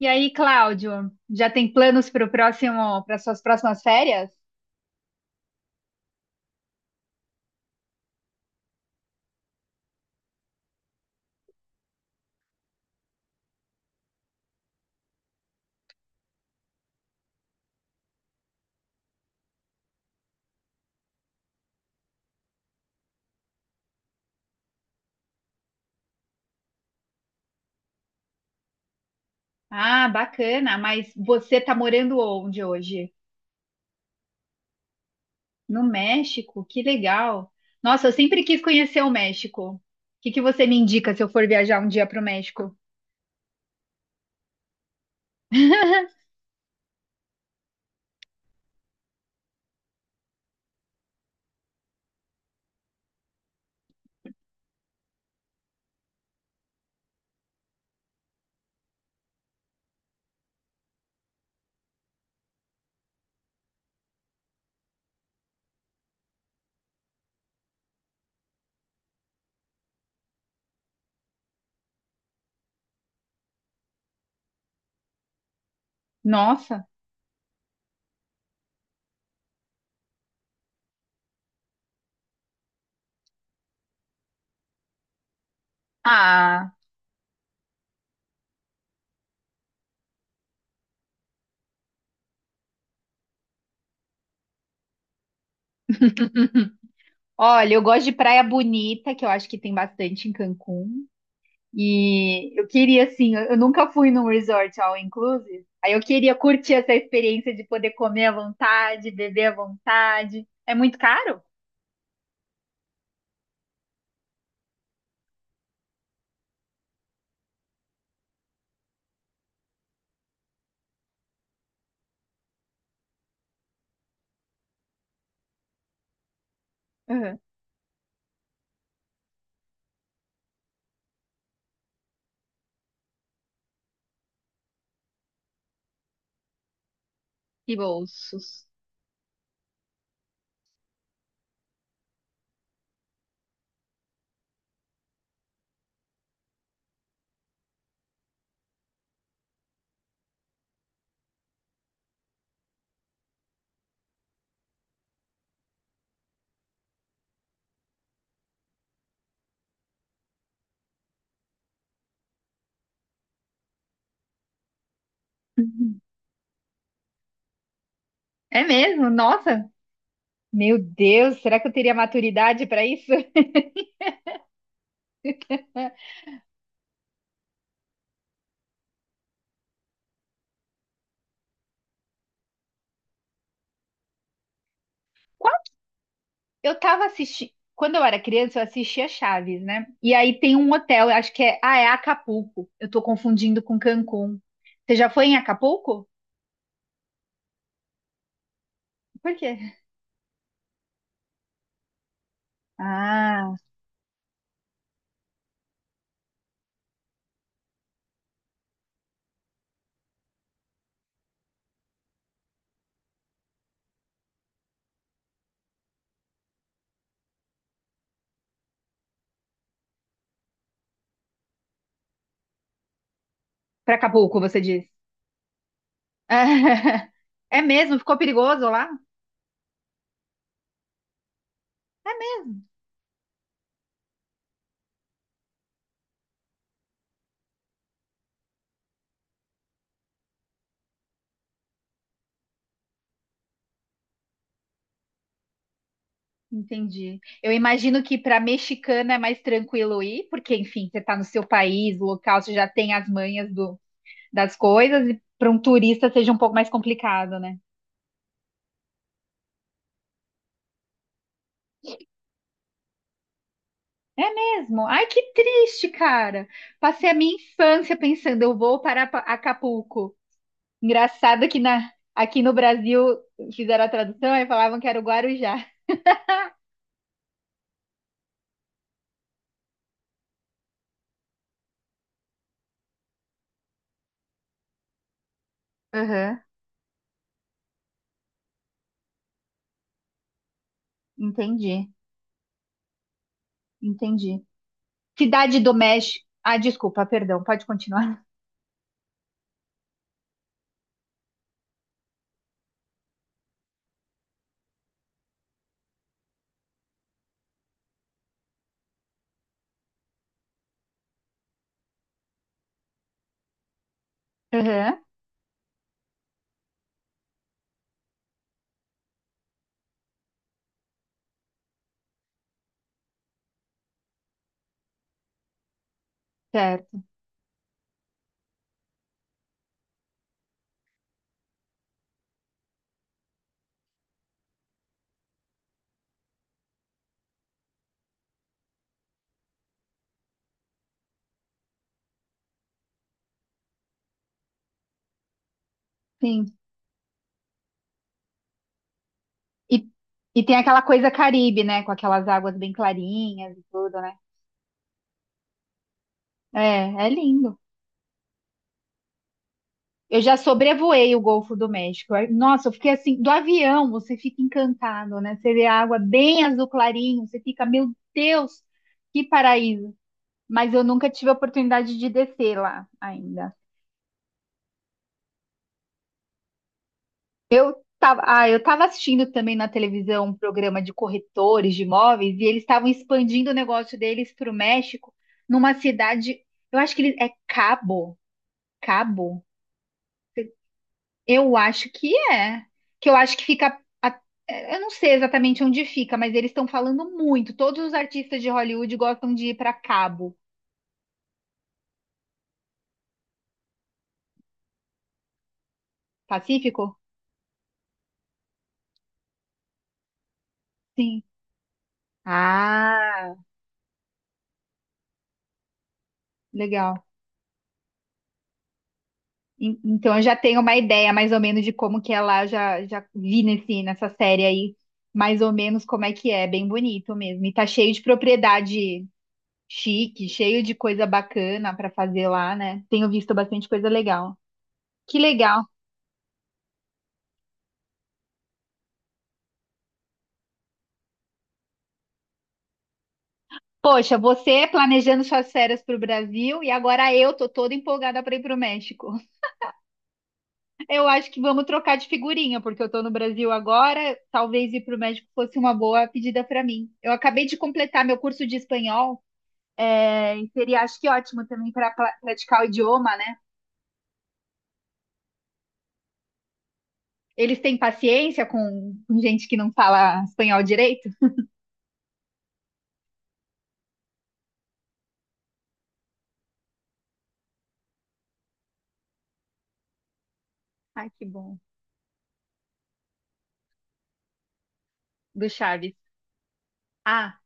E aí, Cláudio, já tem planos para o próximo, para suas próximas férias? Ah, bacana, mas você está morando onde hoje? No México? Que legal. Nossa, eu sempre quis conhecer o México. O que que você me indica se eu for viajar um dia para o México? Nossa. Ah, olha, eu gosto de praia bonita, que eu acho que tem bastante em Cancún. E eu queria, assim, eu nunca fui num resort all inclusive. Aí eu queria curtir essa experiência de poder comer à vontade, beber à vontade. É muito caro? Uhum. E bolsos. Uhum. É mesmo? Nossa! Meu Deus, será que eu teria maturidade para isso? Qual- Eu tava assistindo. Quando eu era criança, eu assistia Chaves, né? E aí tem um hotel, eu acho que é. Ah, é Acapulco. Eu tô confundindo com Cancún. Você já foi em Acapulco? Por quê? Ah. Pra Acapulco, você diz. É mesmo? Ficou perigoso lá? Entendi. Eu imagino que para mexicana é mais tranquilo ir, porque, enfim, você está no seu país, local, você já tem as manhas do- das coisas, e para um turista seja um pouco mais complicado, né? É mesmo? Ai, que triste, cara. Passei a minha infância pensando, eu vou para Pa- Acapulco. Engraçado que na, aqui no Brasil fizeram a tradução e falavam que era o Guarujá. Aham, entendi, entendi. Cidade do México. Ah, desculpa, perdão, pode continuar. Aham, certo. Sim. E, e tem aquela coisa Caribe, né? Com aquelas águas bem clarinhas e tudo, né? É, é lindo. Eu já sobrevoei o Golfo do México. Aí, nossa, eu fiquei assim, do avião você fica encantado, né? Você vê a água bem azul clarinho, você fica, meu Deus, que paraíso. Mas eu nunca tive a oportunidade de descer lá ainda. Tava- ah, eu estava assistindo também na televisão um programa de corretores de imóveis e eles estavam expandindo o negócio deles para o México, numa cidade, eu acho que ele é Cabo, Cabo, eu acho que é, que eu acho que fica, a- é, eu não sei exatamente onde fica, mas eles estão falando muito. Todos os artistas de Hollywood gostam de ir para Cabo, Pacífico? Sim. Ah, legal. En- Então eu já tenho uma ideia mais ou menos de como que é lá, já, já vi nesse, nessa série aí, mais ou menos como é que é, bem bonito mesmo. E tá cheio de propriedade chique, cheio de coisa bacana pra fazer lá, né? Tenho visto bastante coisa legal. Que legal. Poxa, você planejando suas férias pro Brasil e agora eu tô toda empolgada pra ir pro México. Eu acho que vamos trocar de figurinha, porque eu tô no Brasil agora. Talvez ir para o México fosse uma boa pedida para mim. Eu acabei de completar meu curso de espanhol. É, e seria, acho que ótimo também para praticar o idioma, né? Eles têm paciência com gente que não fala espanhol direito? Ai, que bom. Do Chaves. Ah,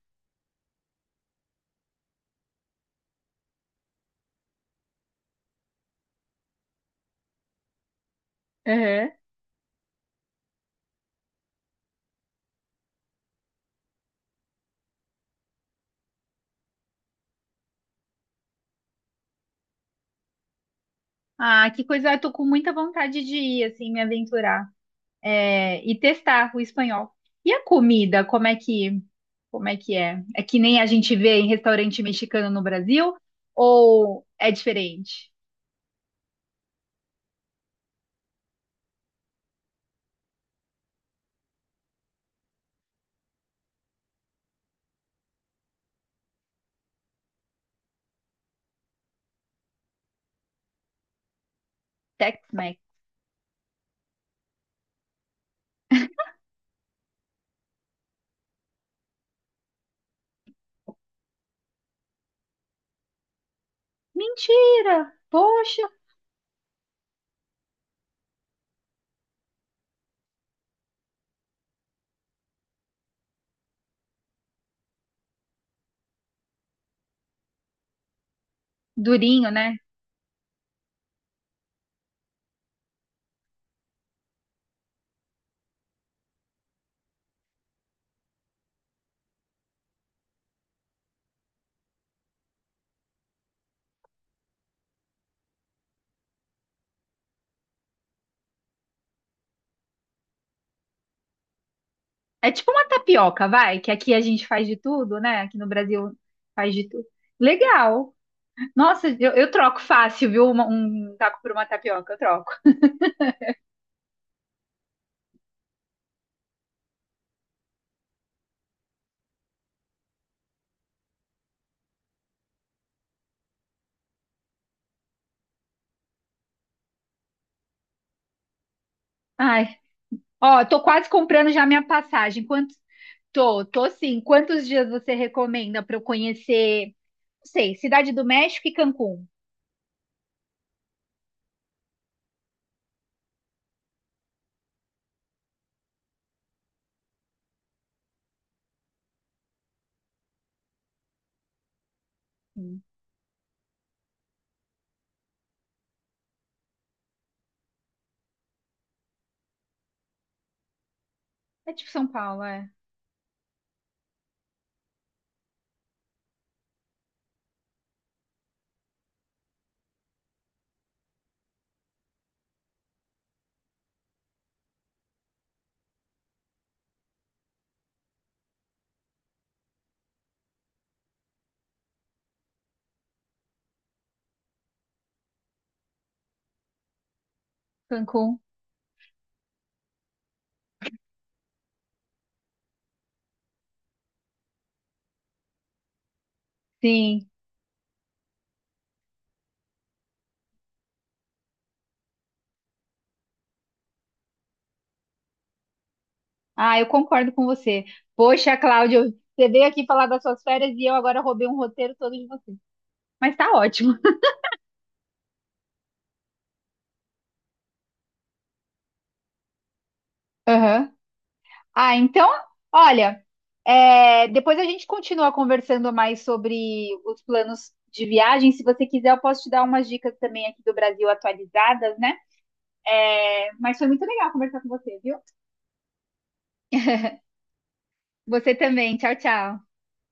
uhum. Ah, que coisa, eu tô com muita vontade de ir, assim, me aventurar, é, e testar o espanhol. E a comida, como é que é? É que nem a gente vê em restaurante mexicano no Brasil, ou é diferente? Tex-Mex. Mentira! Poxa, durinho, né? É tipo uma tapioca, vai, que aqui a gente faz de tudo, né? Aqui no Brasil faz de tudo. Legal. Nossa, eu troco fácil, viu? Uma- Um, taco por uma tapioca, eu troco. Ai, ó, tô quase comprando já minha passagem. Quantos? Tô, tô sim. Quantos dias você recomenda pra eu conhecer? Não sei, Cidade do México e Cancún. Hum, É tipo São Paulo, é. Cancún, sim. Ah, eu concordo com você. Poxa, Cláudio, você veio aqui falar das suas férias e eu agora roubei um roteiro todo de você. Mas tá ótimo. Aham. Ah, então, olha, é, depois a gente continua conversando mais sobre os planos de viagem. Se você quiser, eu posso te dar umas dicas também aqui do Brasil atualizadas, né? É, mas foi muito legal conversar com você, viu? Você também. Tchau, tchau.